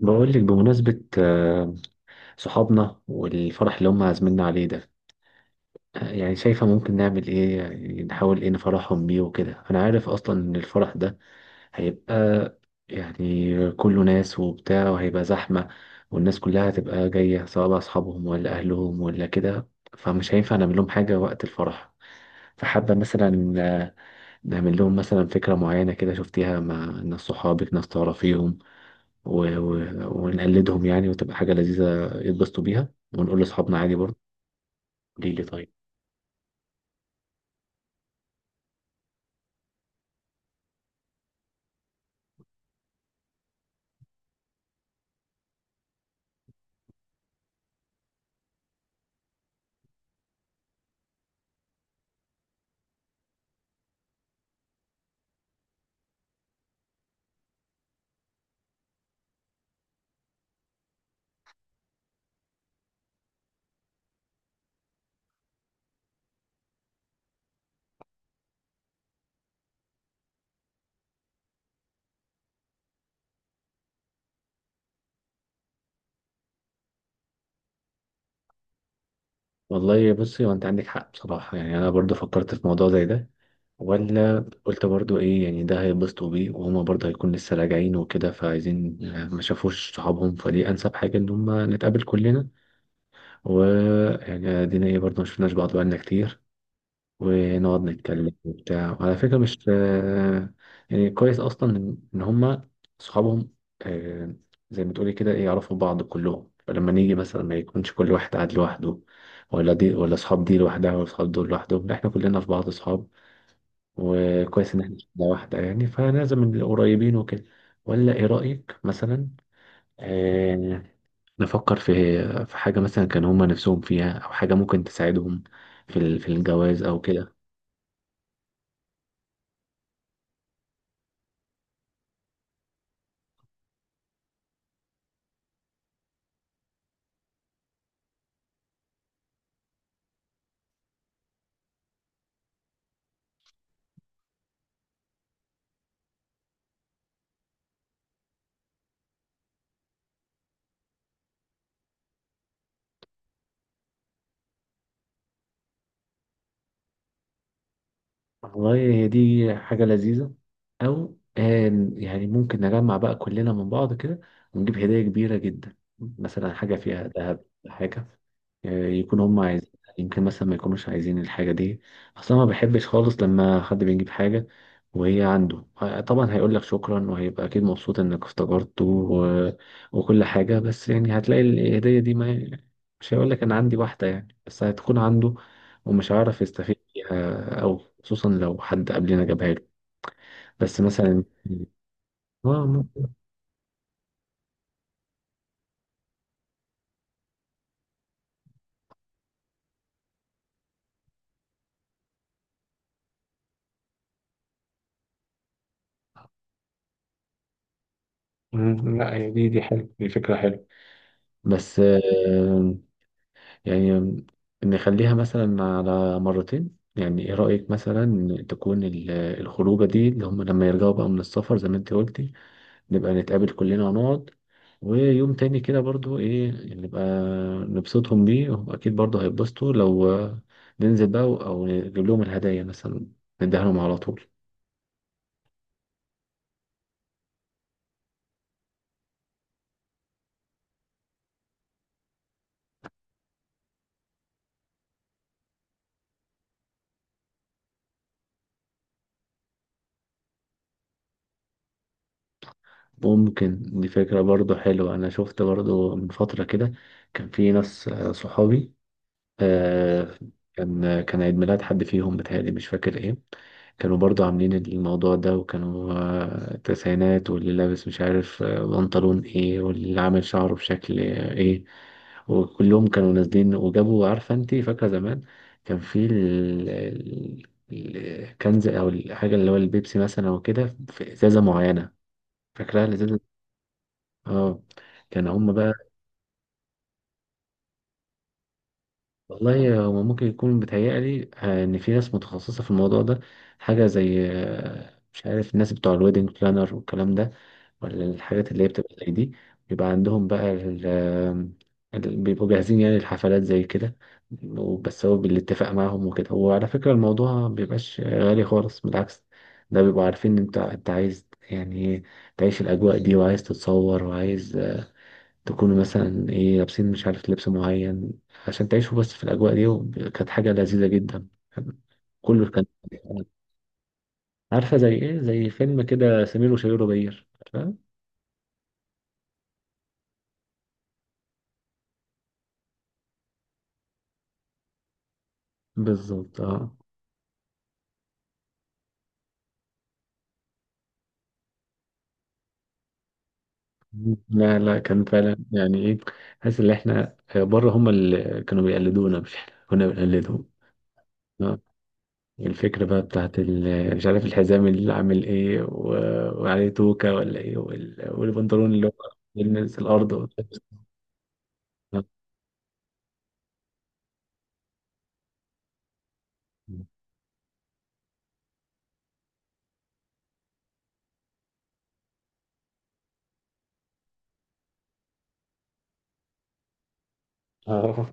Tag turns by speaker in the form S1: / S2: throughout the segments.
S1: بقول لك بمناسبة صحابنا والفرح اللي هم عازميننا عليه ده. يعني شايفة ممكن نعمل ايه، يعني نحاول ايه نفرحهم بيه وكده. انا عارف اصلا ان الفرح ده هيبقى، يعني كله ناس وبتاع وهيبقى زحمة، والناس كلها هتبقى جاية سواء بقى أصحابهم ولا أهلهم ولا كده. فمش هينفع نعمل لهم حاجة وقت الفرح. فحابة مثلا نعمل لهم مثلا فكرة معينة كده شفتيها مع ناس صحابك، ناس تعرفيهم و... ونقلدهم، يعني وتبقى حاجة لذيذة يتبسطوا بيها، ونقول لأصحابنا عادي برضه. قولي لي طيب. والله بصي، هو أنت عندك حق بصراحة. يعني أنا برضه فكرت في موضوع زي ده ولا. قلت برضه إيه، يعني ده هيتبسطوا بيه، وهما برضه هيكون لسه راجعين وكده، فعايزين ما شافوش صحابهم، فدي أنسب حاجة إن هما نتقابل كلنا. ويعني دينا إيه برضه، ما شفناش بعض بقالنا كتير، ونقعد نتكلم وبتاع. وعلى فكرة مش يعني كويس أصلا إن هما صحابهم، آه، زي ما تقولي كده إيه يعرفوا بعض كلهم، فلما نيجي مثلا ما يكونش كل واحد قاعد لوحده، ولا دي ولا صحاب دي لوحدها، ولا صحاب دول لوحدهم، لا إحنا كلنا في بعض صحاب. وكويس إن إحنا شلة واحدة، يعني فلازم نبقى قريبين وكده. ولا إيه رأيك، مثلا آه، نفكر في حاجة مثلا كان هما نفسهم فيها، أو حاجة ممكن تساعدهم في الجواز أو كده. والله هي دي حاجة لذيذة، أو يعني ممكن نجمع بقى كلنا من بعض كده، ونجيب هدايا كبيرة جدا، مثلا حاجة فيها ذهب، حاجة يكون هم عايزين. يمكن مثلا ما يكونوش عايزين الحاجة دي أصلا. ما بحبش خالص لما حد بيجيب حاجة وهي عنده، طبعا هيقول لك شكرا وهيبقى أكيد مبسوط إنك افتكرته وكل حاجة، بس يعني هتلاقي الهدية دي ما مش هيقول لك أنا عندي واحدة يعني، بس هتكون عنده ومش هيعرف يستفيد. أو خصوصا لو حد قبلنا جابها له، بس مثلا ممكن. مم، لا هي دي حلوة، دي فكرة حلوة. بس يعني نخليها مثلا على مرتين. يعني ايه رأيك مثلا تكون الخروجة دي اللي هم لما يرجعوا بقى من السفر، زي ما انت قلتي، نبقى نتقابل كلنا ونقعد. ويوم تاني كده برضو ايه نبقى نبسطهم بيه، واكيد برضو هيتبسطوا لو ننزل بقى او نجيب لهم الهدايا مثلا نديها لهم على طول. ممكن، دي فكرة برضو حلوة. أنا شفت برضو من فترة كده كان في ناس صحابي، آه، كان عيد ميلاد حد فيهم بتهيألي مش فاكر إيه. كانوا برضو عاملين الموضوع ده وكانوا تسعينات، واللي لابس مش عارف بنطلون إيه، واللي عامل شعره بشكل إيه، وكلهم كانوا نازلين. وجابوا، عارفة أنت فاكرة زمان كان في الكنز أو الحاجة اللي هو البيبسي مثلا وكده، في إزازة معينة، فاكرها الإزازة؟ اه، كان هم بقى. والله هم ممكن يكون بيتهيألي ان في ناس متخصصه في الموضوع ده، حاجه زي مش عارف، الناس بتوع الويدنج بلانر والكلام ده، ولا الحاجات اللي هي بتبقى زي دي. بيبقى عندهم بقى بيبقوا جاهزين يعني الحفلات زي كده. بس هو بالاتفاق معاهم وكده. وعلى فكره الموضوع ما بيبقاش غالي خالص، بالعكس ده بيبقوا عارفين ان انت عايز، يعني إيه، تعيش الاجواء دي، وعايز تتصور، وعايز تكونوا مثلا ايه لابسين، مش عارف لبس معين، عشان تعيشوا بس في الأجواء دي. كانت حاجة لذيذة جدا، كله كان، عارفة زي ايه، زي فيلم كده سمير وشهير وبهير، عارفة؟ بالظبط، اه. لا لا، كان فعلا يعني ايه، حاسس ان احنا بره، هم اللي كانوا بيقلدونا مش احنا كنا بنقلدهم. آه. الفكرة بقى بتاعت مش عارف، الحزام اللي عامل ايه وعليه توكة ولا ايه، والبنطلون اللي هو بيلمس الأرض. آه.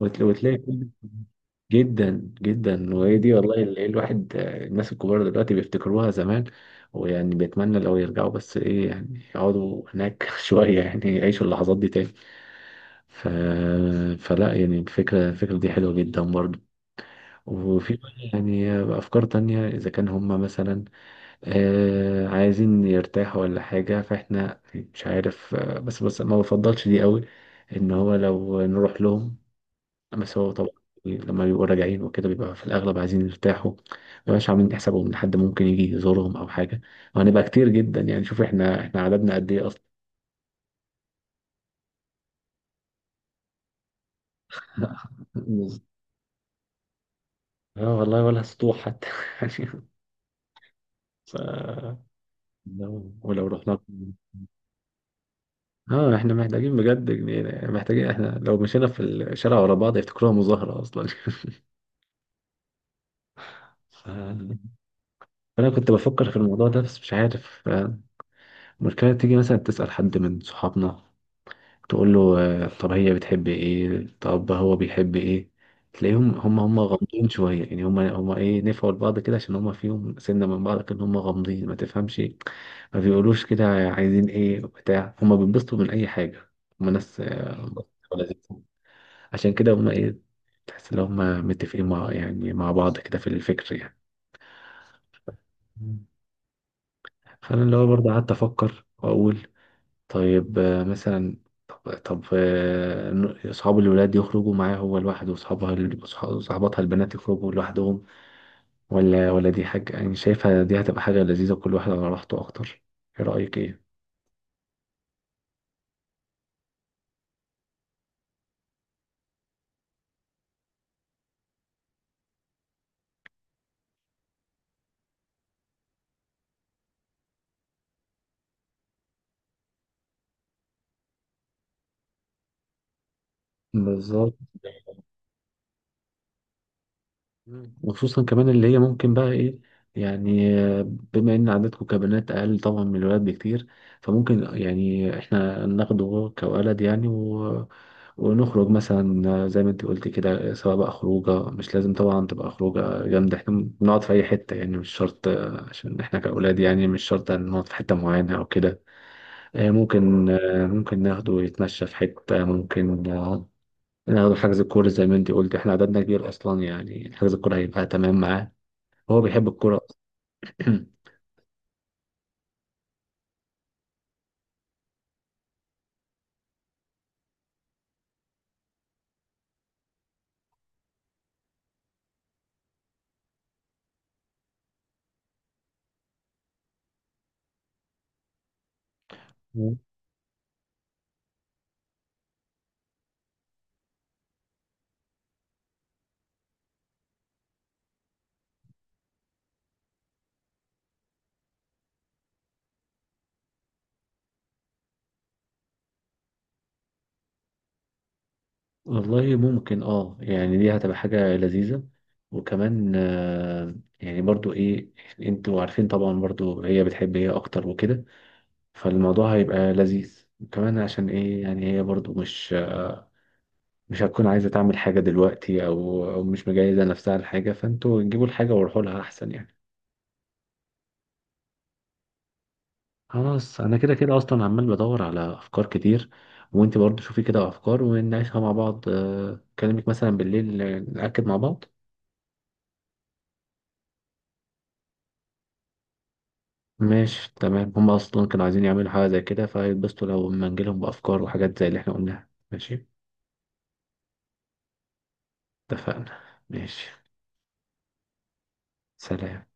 S1: وتلاقي جدا جدا. وهي دي والله اللي إيه، الواحد الناس الكبار دلوقتي بيفتكروها زمان، ويعني بيتمنى لو يرجعوا، بس ايه يعني يقعدوا هناك شوية، يعني يعيشوا اللحظات دي تاني. ف... فلا، يعني الفكرة دي حلوة جدا برضو. وفي بقى يعني أفكار تانية، إذا كان هما مثلا عايزين يرتاحوا ولا حاجة فإحنا مش عارف، بس ما بفضلش دي قوي، إن هو لو نروح لهم. بس هو طبعا إيه، لما بيبقوا راجعين وكده بيبقى في الأغلب عايزين يرتاحوا، مبيبقاش عاملين حسابهم إن حد ممكن يجي يزورهم أو حاجة. وهنبقى كتير جدا، يعني شوف إحنا عددنا قد إيه أصلا. اه والله ولا سطوح حتى. ف... لو رحنا. اه احنا محتاجين بجد جنينة، يعني محتاجين احنا، لو مشينا في الشارع ورا بعض يفتكروها مظاهرة اصلا. ف... فانا كنت بفكر في الموضوع ده، بس مش عارف. المشكلة تيجي مثلا تسأل حد من صحابنا تقول له، طب هي بتحب ايه، طب هو بيحب ايه، تلاقيهم هم غامضين شوية، يعني هم ايه، نفعوا لبعض كده، عشان هم فيهم سنة من بعض كده هم غامضين ما تفهمش، ما بيقولوش كده عايزين ايه بتاع، هم بينبسطوا من اي حاجة، هم ناس لذيذة. عشان كده هم ايه، تحس ان هم متفقين مع، يعني مع بعض كده في الفكر يعني. فانا اللي هو برضه قعدت افكر واقول، طيب مثلا، طب صحاب الولاد يخرجوا معاه هو لوحده، وصحابها صحباتها البنات يخرجوا لوحدهم، ولا دي حاجة، يعني شايفها دي هتبقى حاجة لذيذة كل واحد على راحته أكتر. إيه رأيك إيه؟ بالظبط. مم. وخصوصا كمان اللي هي ممكن بقى ايه، يعني بما ان عددكم كبنات اقل طبعا من الولاد بكتير، فممكن يعني احنا ناخده كولد يعني ونخرج مثلا زي ما انت قلت كده، سواء بقى خروجه. مش لازم طبعا تبقى خروجه جامده، احنا بنقعد في اي حته يعني، مش شرط عشان احنا كاولاد يعني مش شرط نقعد في حته معينه او كده. ممكن ناخده يتمشى في حته، ممكن ناخد حجز الكورة زي ما انت قلت، احنا عددنا كبير اصلا يعني، حجز الكورة هيبقى تمام معاه، هو بيحب الكورة. مم. والله ممكن، اه يعني دي هتبقى حاجة لذيذة. وكمان يعني برضو ايه، انتوا عارفين طبعا برضو هي بتحب هي اكتر وكده، فالموضوع هيبقى لذيذ كمان، عشان ايه يعني هي برضو مش هتكون عايزة تعمل حاجة دلوقتي او مش مجهزة نفسها لحاجة، فانتوا جيبوا الحاجة وروحوا لها احسن يعني. خلاص انا كده كده اصلا عمال بدور على افكار كتير، وانت برضه شوفي كده افكار ونناقشها مع بعض. اكلمك مثلا بالليل، ناكد مع بعض. ماشي تمام، هم اصلا كانوا عايزين يعملوا حاجه زي كده فهيتبسطوا لو ما نجيلهم بافكار وحاجات زي اللي احنا قلناها. ماشي. اتفقنا. ماشي. سلام.